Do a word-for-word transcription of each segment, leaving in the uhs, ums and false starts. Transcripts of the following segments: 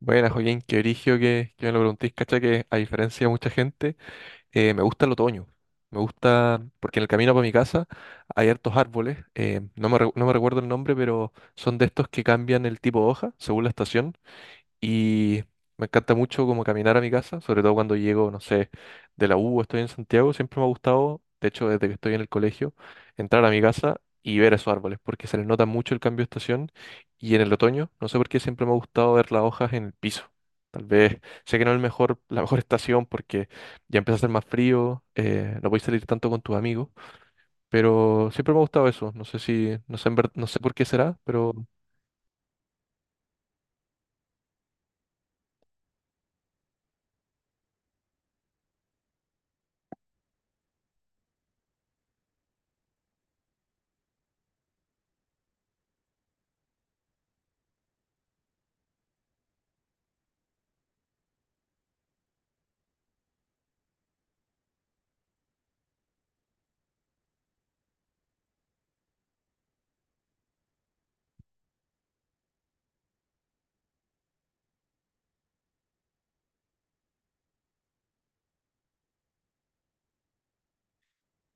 Bueno, Joaquín, qué origio que, que me lo preguntéis, cacha que a diferencia de mucha gente, eh, me gusta el otoño. Me gusta, porque en el camino para mi casa hay hartos árboles, eh, no me, re- no me recuerdo el nombre, pero son de estos que cambian el tipo de hoja según la estación. Y me encanta mucho como caminar a mi casa, sobre todo cuando llego, no sé, de la U, o estoy en Santiago, siempre me ha gustado, de hecho, desde que estoy en el colegio, entrar a mi casa y ver esos árboles, porque se les nota mucho el cambio de estación y en el otoño, no sé por qué siempre me ha gustado ver las hojas en el piso. Tal vez, sé que no es el mejor, la mejor estación porque ya empieza a hacer más frío, eh, no podéis salir tanto con tus amigos, pero siempre me ha gustado eso, no sé si, no sé, en ver- no sé por qué será, pero...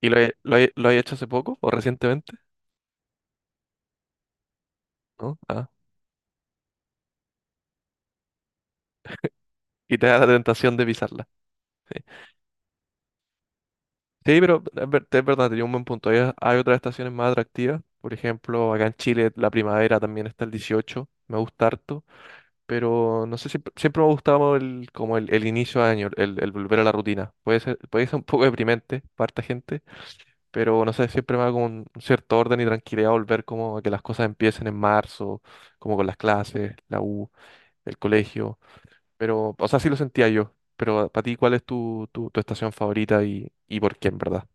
¿Y lo, he- lo, he- lo has hecho hace poco o recientemente? ¿No? Ah. Y te da la tentación de pisarla. Sí, pero es ver- es verdad, tenía un buen punto. Hay, hay otras estaciones más atractivas. Por ejemplo, acá en Chile la primavera también está el dieciocho. Me gusta harto, pero no sé, siempre, siempre me ha gustado el, como el, el inicio de año, el, el volver a la rutina. Puede ser, puede ser un poco deprimente para harta gente, pero no sé, siempre me da como un cierto orden y tranquilidad volver como a que las cosas empiecen en marzo, como con las clases, la U, el colegio. Pero, o sea, sí lo sentía yo. Pero para ti, ¿cuál es tu, tu, tu estación favorita y, y por qué, en verdad?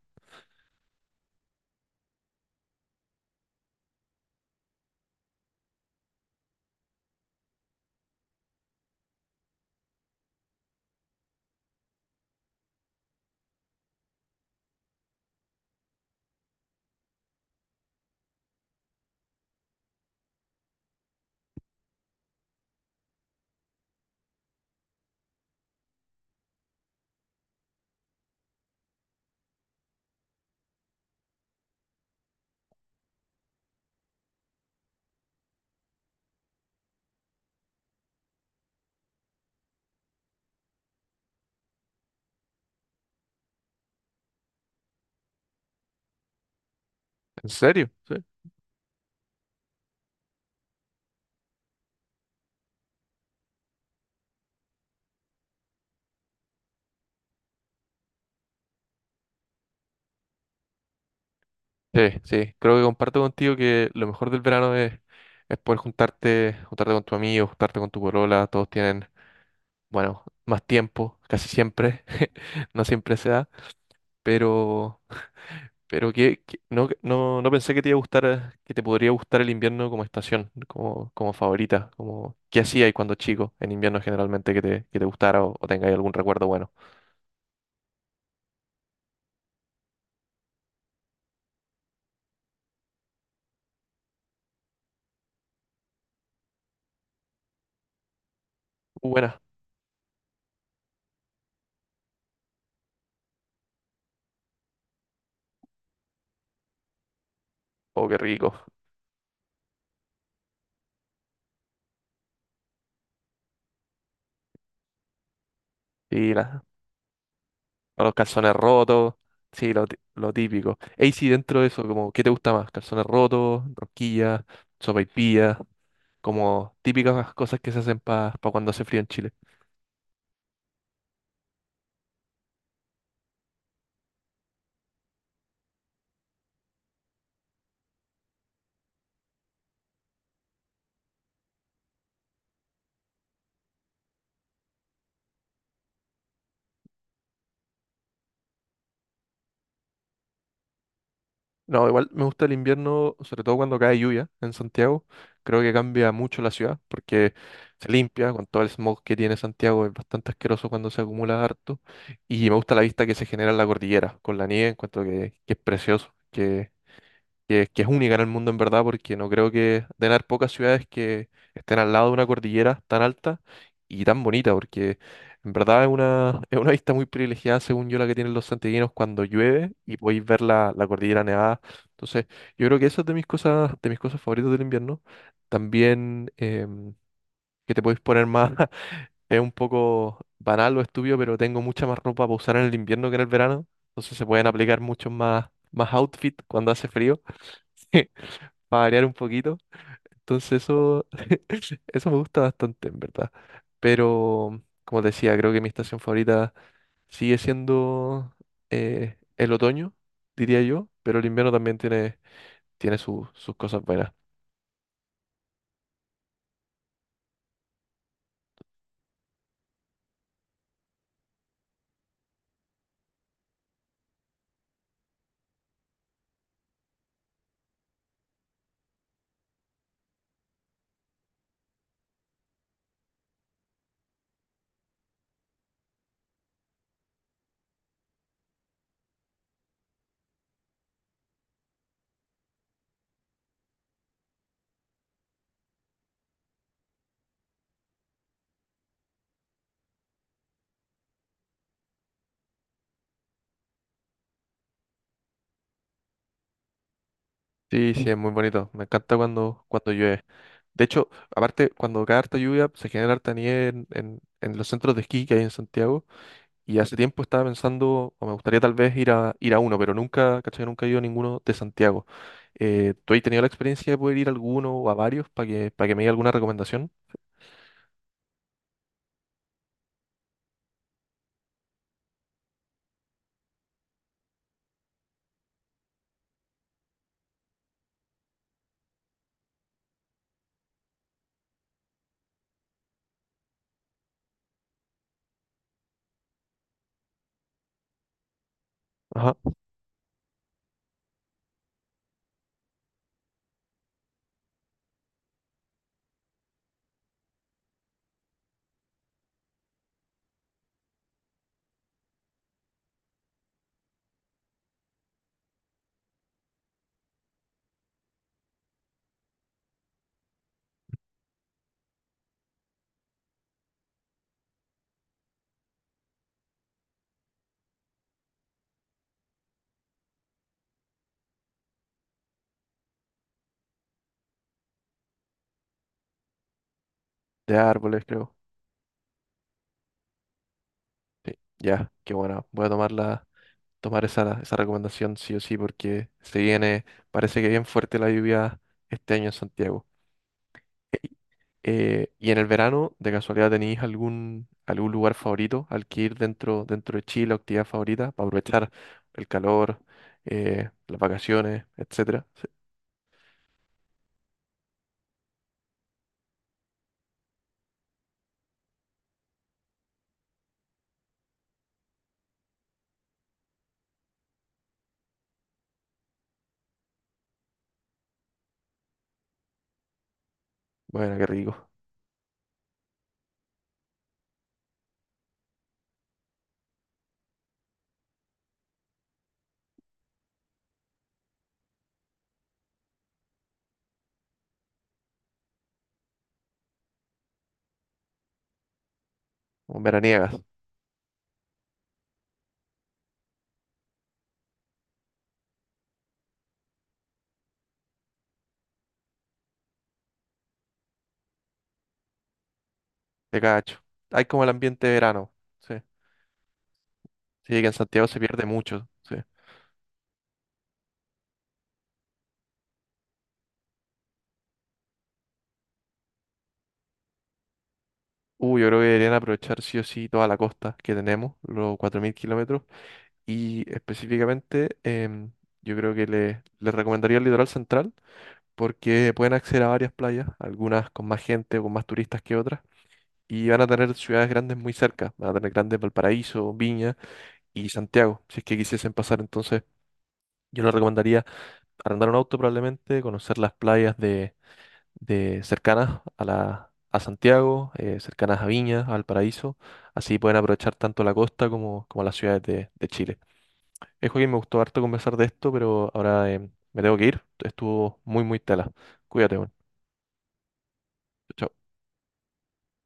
¿En serio? Sí. Sí, sí, creo que comparto contigo que lo mejor del verano es, es poder juntarte, juntarte con tu amigo, juntarte con tu polola, todos tienen, bueno, más tiempo, casi siempre, no siempre se da, pero, pero que, que- no, no, no pensé que te iba a gustar, eh, que te podría gustar el invierno como estación, como, como favorita, como qué hacías cuando chico en invierno generalmente que te, que te gustara o, o tengáis algún recuerdo bueno. Buenas, oh, qué rico. Y la- los calzones rotos, sí, lo, ti- lo típico. Ey, sí, dentro de eso, como, ¿qué te gusta más? Calzones rotos, rosquillas, sopaipillas, como típicas cosas que se hacen para cuando hace frío en Chile. No, igual me gusta el invierno, sobre todo cuando cae lluvia en Santiago. Creo que cambia mucho la ciudad porque se limpia con todo el smog que tiene Santiago, es bastante asqueroso cuando se acumula harto. Y me gusta la vista que se genera en la cordillera con la nieve, encuentro que, que es precioso. que, que es única en el mundo en verdad, porque no creo que den haber pocas ciudades que estén al lado de una cordillera tan alta y tan bonita, porque en verdad es una, es una vista muy privilegiada, según yo, la que tienen los santiaguinos cuando llueve y podéis ver la, la cordillera nevada. Entonces, yo creo que eso es de mis cosas, de mis cosas favoritas del invierno. También em, que te podéis poner más, es un poco banal o estúpido, pero tengo mucha más ropa para usar en el invierno que en el verano. Entonces se pueden aplicar muchos más, más outfit cuando hace frío. Para variar un poquito. Entonces eso, eso me gusta bastante, en verdad. Pero, como te decía, creo que mi estación favorita sigue siendo eh, el otoño, diría yo, pero el invierno también tiene, tiene su- sus cosas buenas. Sí, sí, es muy bonito. Me encanta cuando, cuando llueve. De hecho, aparte, cuando cae harta lluvia, se genera harta nieve en, en- en los centros de esquí que hay en Santiago. Y hace tiempo estaba pensando, o me gustaría tal vez ir a, ir a uno, pero nunca, ¿cachai? Nunca he ido a ninguno de Santiago. Eh, ¿tú has tenido la experiencia de poder ir a alguno o a varios para que, para que me diga alguna recomendación? Ajá. De árboles, creo. Sí, ya, qué bueno. Voy a tomar la, tomar esa, esa recomendación sí o sí, porque se viene, parece que bien fuerte la lluvia este año en Santiago. Eh, y en el verano, de casualidad, ¿tenéis algún, algún lugar favorito al que ir dentro, dentro de Chile, o actividad favorita, para aprovechar el calor, eh, las vacaciones, etcétera? Sí. Bueno, qué rico. Como veraniegas, de cacho. Hay como el ambiente de verano. Sí. Sí, que en Santiago se pierde mucho. Sí. Uh, yo creo que deberían aprovechar sí o sí toda la costa que tenemos, los cuatro mil kilómetros. Y específicamente, em, yo creo que le, le recomendaría el litoral central porque pueden acceder a varias playas, algunas con más gente o con más turistas que otras, y van a tener ciudades grandes muy cerca, van a tener grandes Valparaíso, Viña y Santiago, si es que quisiesen pasar. Entonces, yo les recomendaría arrendar un auto probablemente, conocer las playas de, de cercanas a la... a Santiago, eh, cercanas a Viña, a Valparaíso, así pueden aprovechar tanto la costa como, como las ciudades de, de Chile. Es Joaquín, me gustó harto conversar de esto, pero ahora em, me tengo que ir. Estuvo muy, muy tela. Cuídate, bueno. Chao.